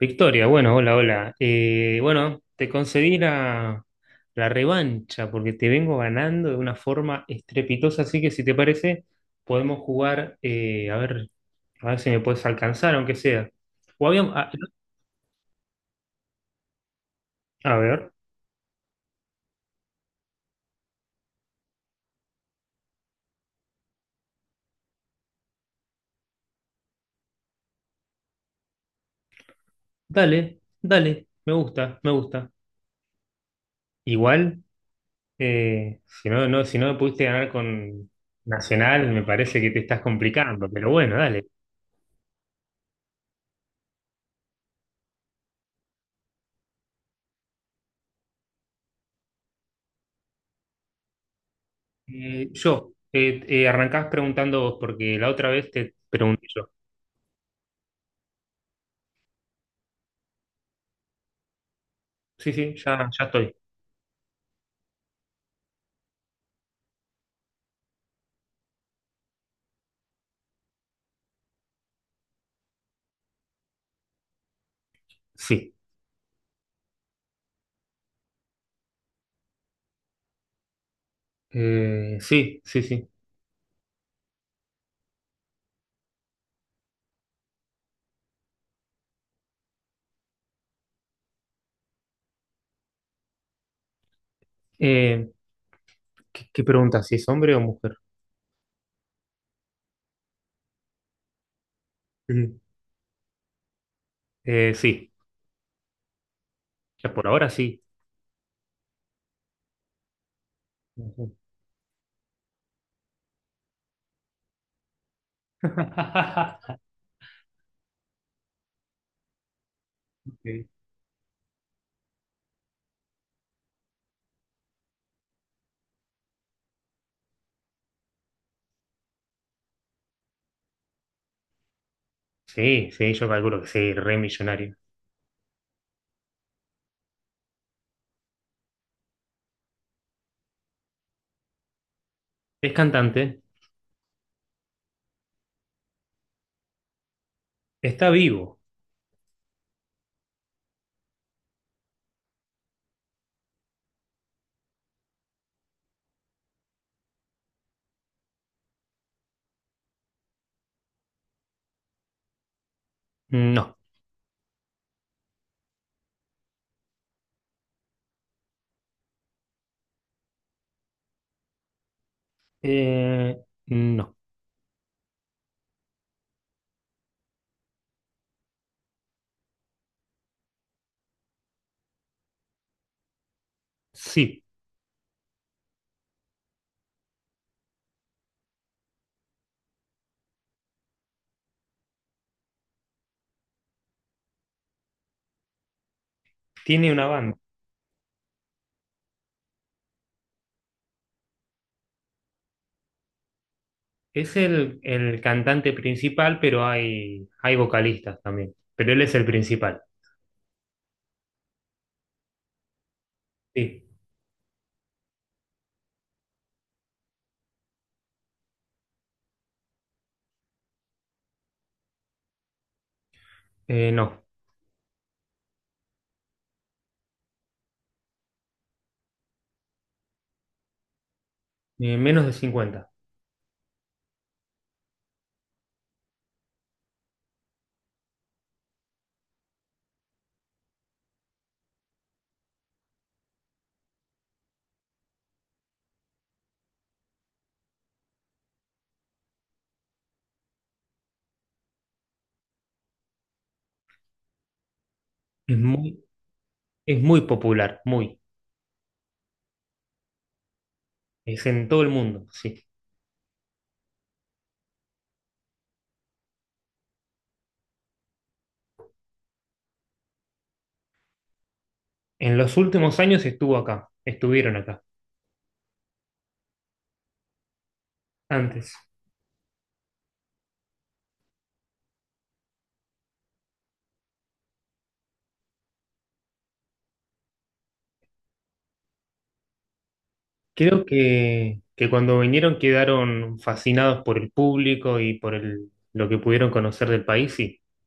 Victoria, bueno, hola, hola. Bueno, te concedí la revancha porque te vengo ganando de una forma estrepitosa, así que si te parece, podemos jugar, a ver si me puedes alcanzar, aunque sea. O habíamos- a ver, dale, dale, me gusta, me gusta. Igual, si no, no, si no me pudiste ganar con Nacional, me parece que te estás complicando, pero bueno, dale. Arrancás preguntando vos, porque la otra vez te pregunté yo. Sí, sí, ya, ya estoy. Sí. Sí, sí, sí. Eh, ¿Qué, qué pregunta? ¿Si es hombre o mujer? Ujú. Sí, ya por ahora sí. Ujú. Sí, sí, sí, yo calculo que sí, re millonario. ¿Es cantante? ¿Está vivo? No. Eh, no. Sí, tiene una banda. El cantante principal, pero hay vocalistas también. Pero él es el principal. Sí. No. Menos de 50. Es muy, Es muy popular, muy. Es en todo el mundo, sí. En los últimos años estuvo acá, estuvieron acá, antes. Creo que cuando vinieron quedaron fascinados por el público y por lo que pudieron conocer del país, sí.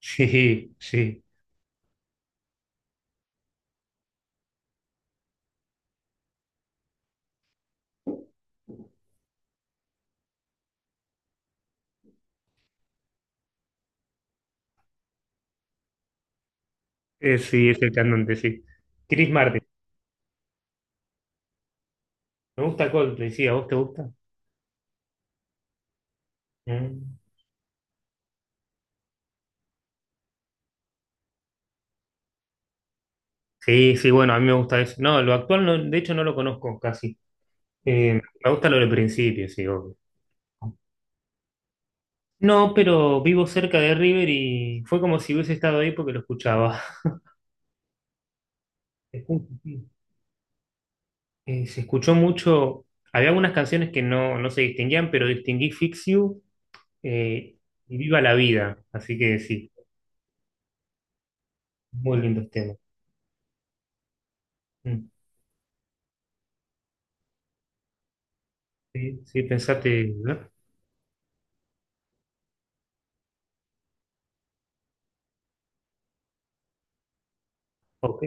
Sí, sí. Sí, es el cantante, sí. Chris Martin. Me gusta Coldplay, sí. ¿A vos te gusta? Mm. Sí, sí, bueno, a mí me gusta eso. No, lo actual, no, de hecho, no lo conozco casi. Eh, Me gusta lo del principio, sí, obvio. No, pero vivo cerca de River y fue como si hubiese estado ahí porque lo escuchaba. Se escuchó mucho. Había algunas canciones que no, no se distinguían, pero distinguí Fix You eh, y Viva la Vida. Así que sí, muy lindos temas. Mm, sí, sí, pensate, ¿no? Ok,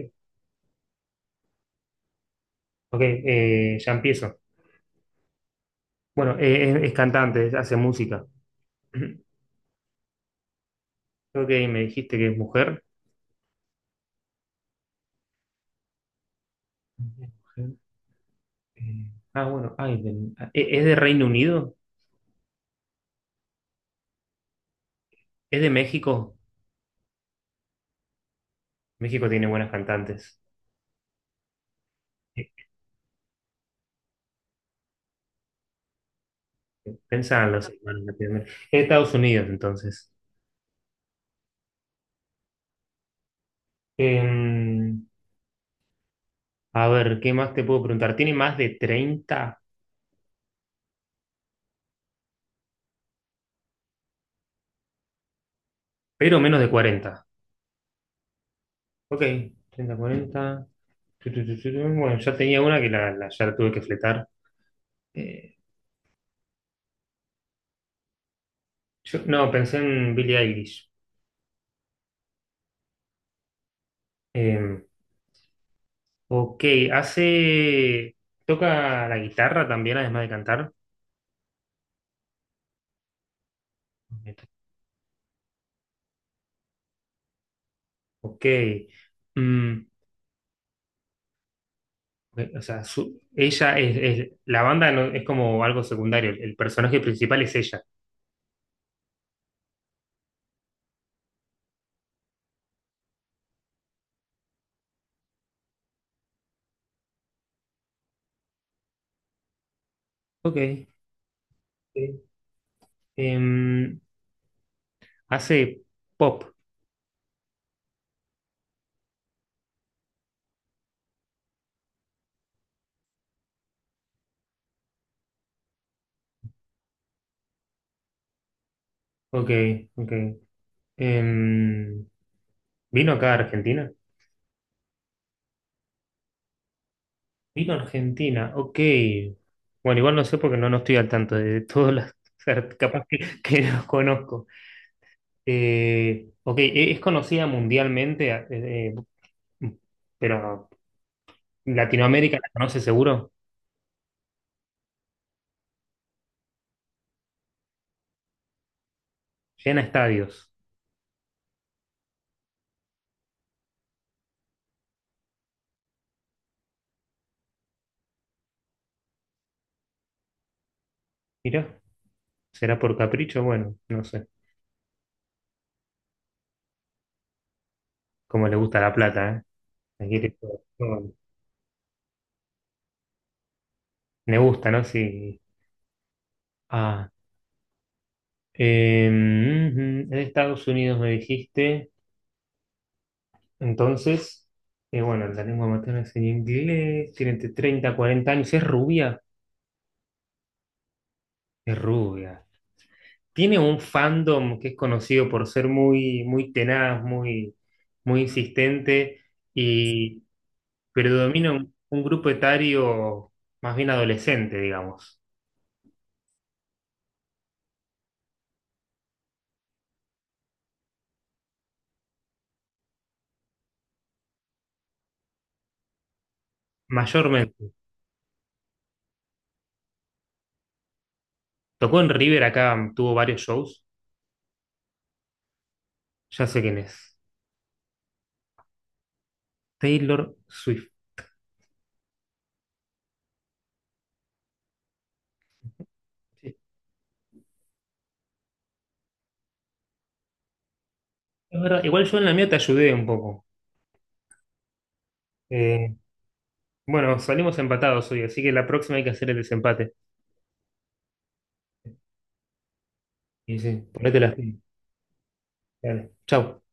ok, ya empiezo. Bueno, es cantante, hace música. Creo que me dijiste que es mujer. Mujer, eh, ah, bueno, ay, de- ¿es de Reino Unido? ¿Es de México? México tiene buenas cantantes. Eh, Pensaban los hermanos latinoamericanos. Es Estados Unidos, entonces. Eh, a ver, ¿qué más te puedo preguntar? Tiene más de 30, pero menos de 40. Ok, 30 40. Tu, tu, tu, tu, tu. Bueno, ya tenía una que la- ya la tuve que fletar. Eh, yo, no, pensé en Billie Eilish. Eh, ok, hace. ¿Toca la guitarra también, además de cantar? Ok. Mm, o sea, su- ella es- la banda no- es como algo secundario, el personaje principal es ella. Ok. Sí. Em, hace pop. Ok, ok. Em, ¿vino acá a Argentina? Vino a Argentina, ok. Bueno, igual no sé porque no, no estoy al tanto de todas las... o capaz que no los conozco. Ok, e- es conocida mundialmente, pero Latinoamérica la conoce seguro. Llena estadios. Mirá. ¿Será por capricho? Bueno, no sé. Como le gusta la plata, ¿eh? La quiere todo. No, me gusta, ¿no? Sí. Ah, em, ujú, en Estados Unidos me dijiste. Entonces, bueno, la lengua materna es en inglés. Tiene entre 30 y 40 años. Es rubia. Es rubia. Tiene un fandom que es conocido por ser muy, muy tenaz, muy, muy insistente y predomina un grupo etario más bien adolescente, digamos. Mayormente. Tocó en River acá, tuvo varios shows. Ya sé quién es. Taylor Swift. Sí, es verdad. Igual yo en la mía te ayudé un poco. Eh, bueno, salimos empatados hoy, así que la próxima hay que hacer el desempate. Y sí, ponete las pilas. Dale. Chau.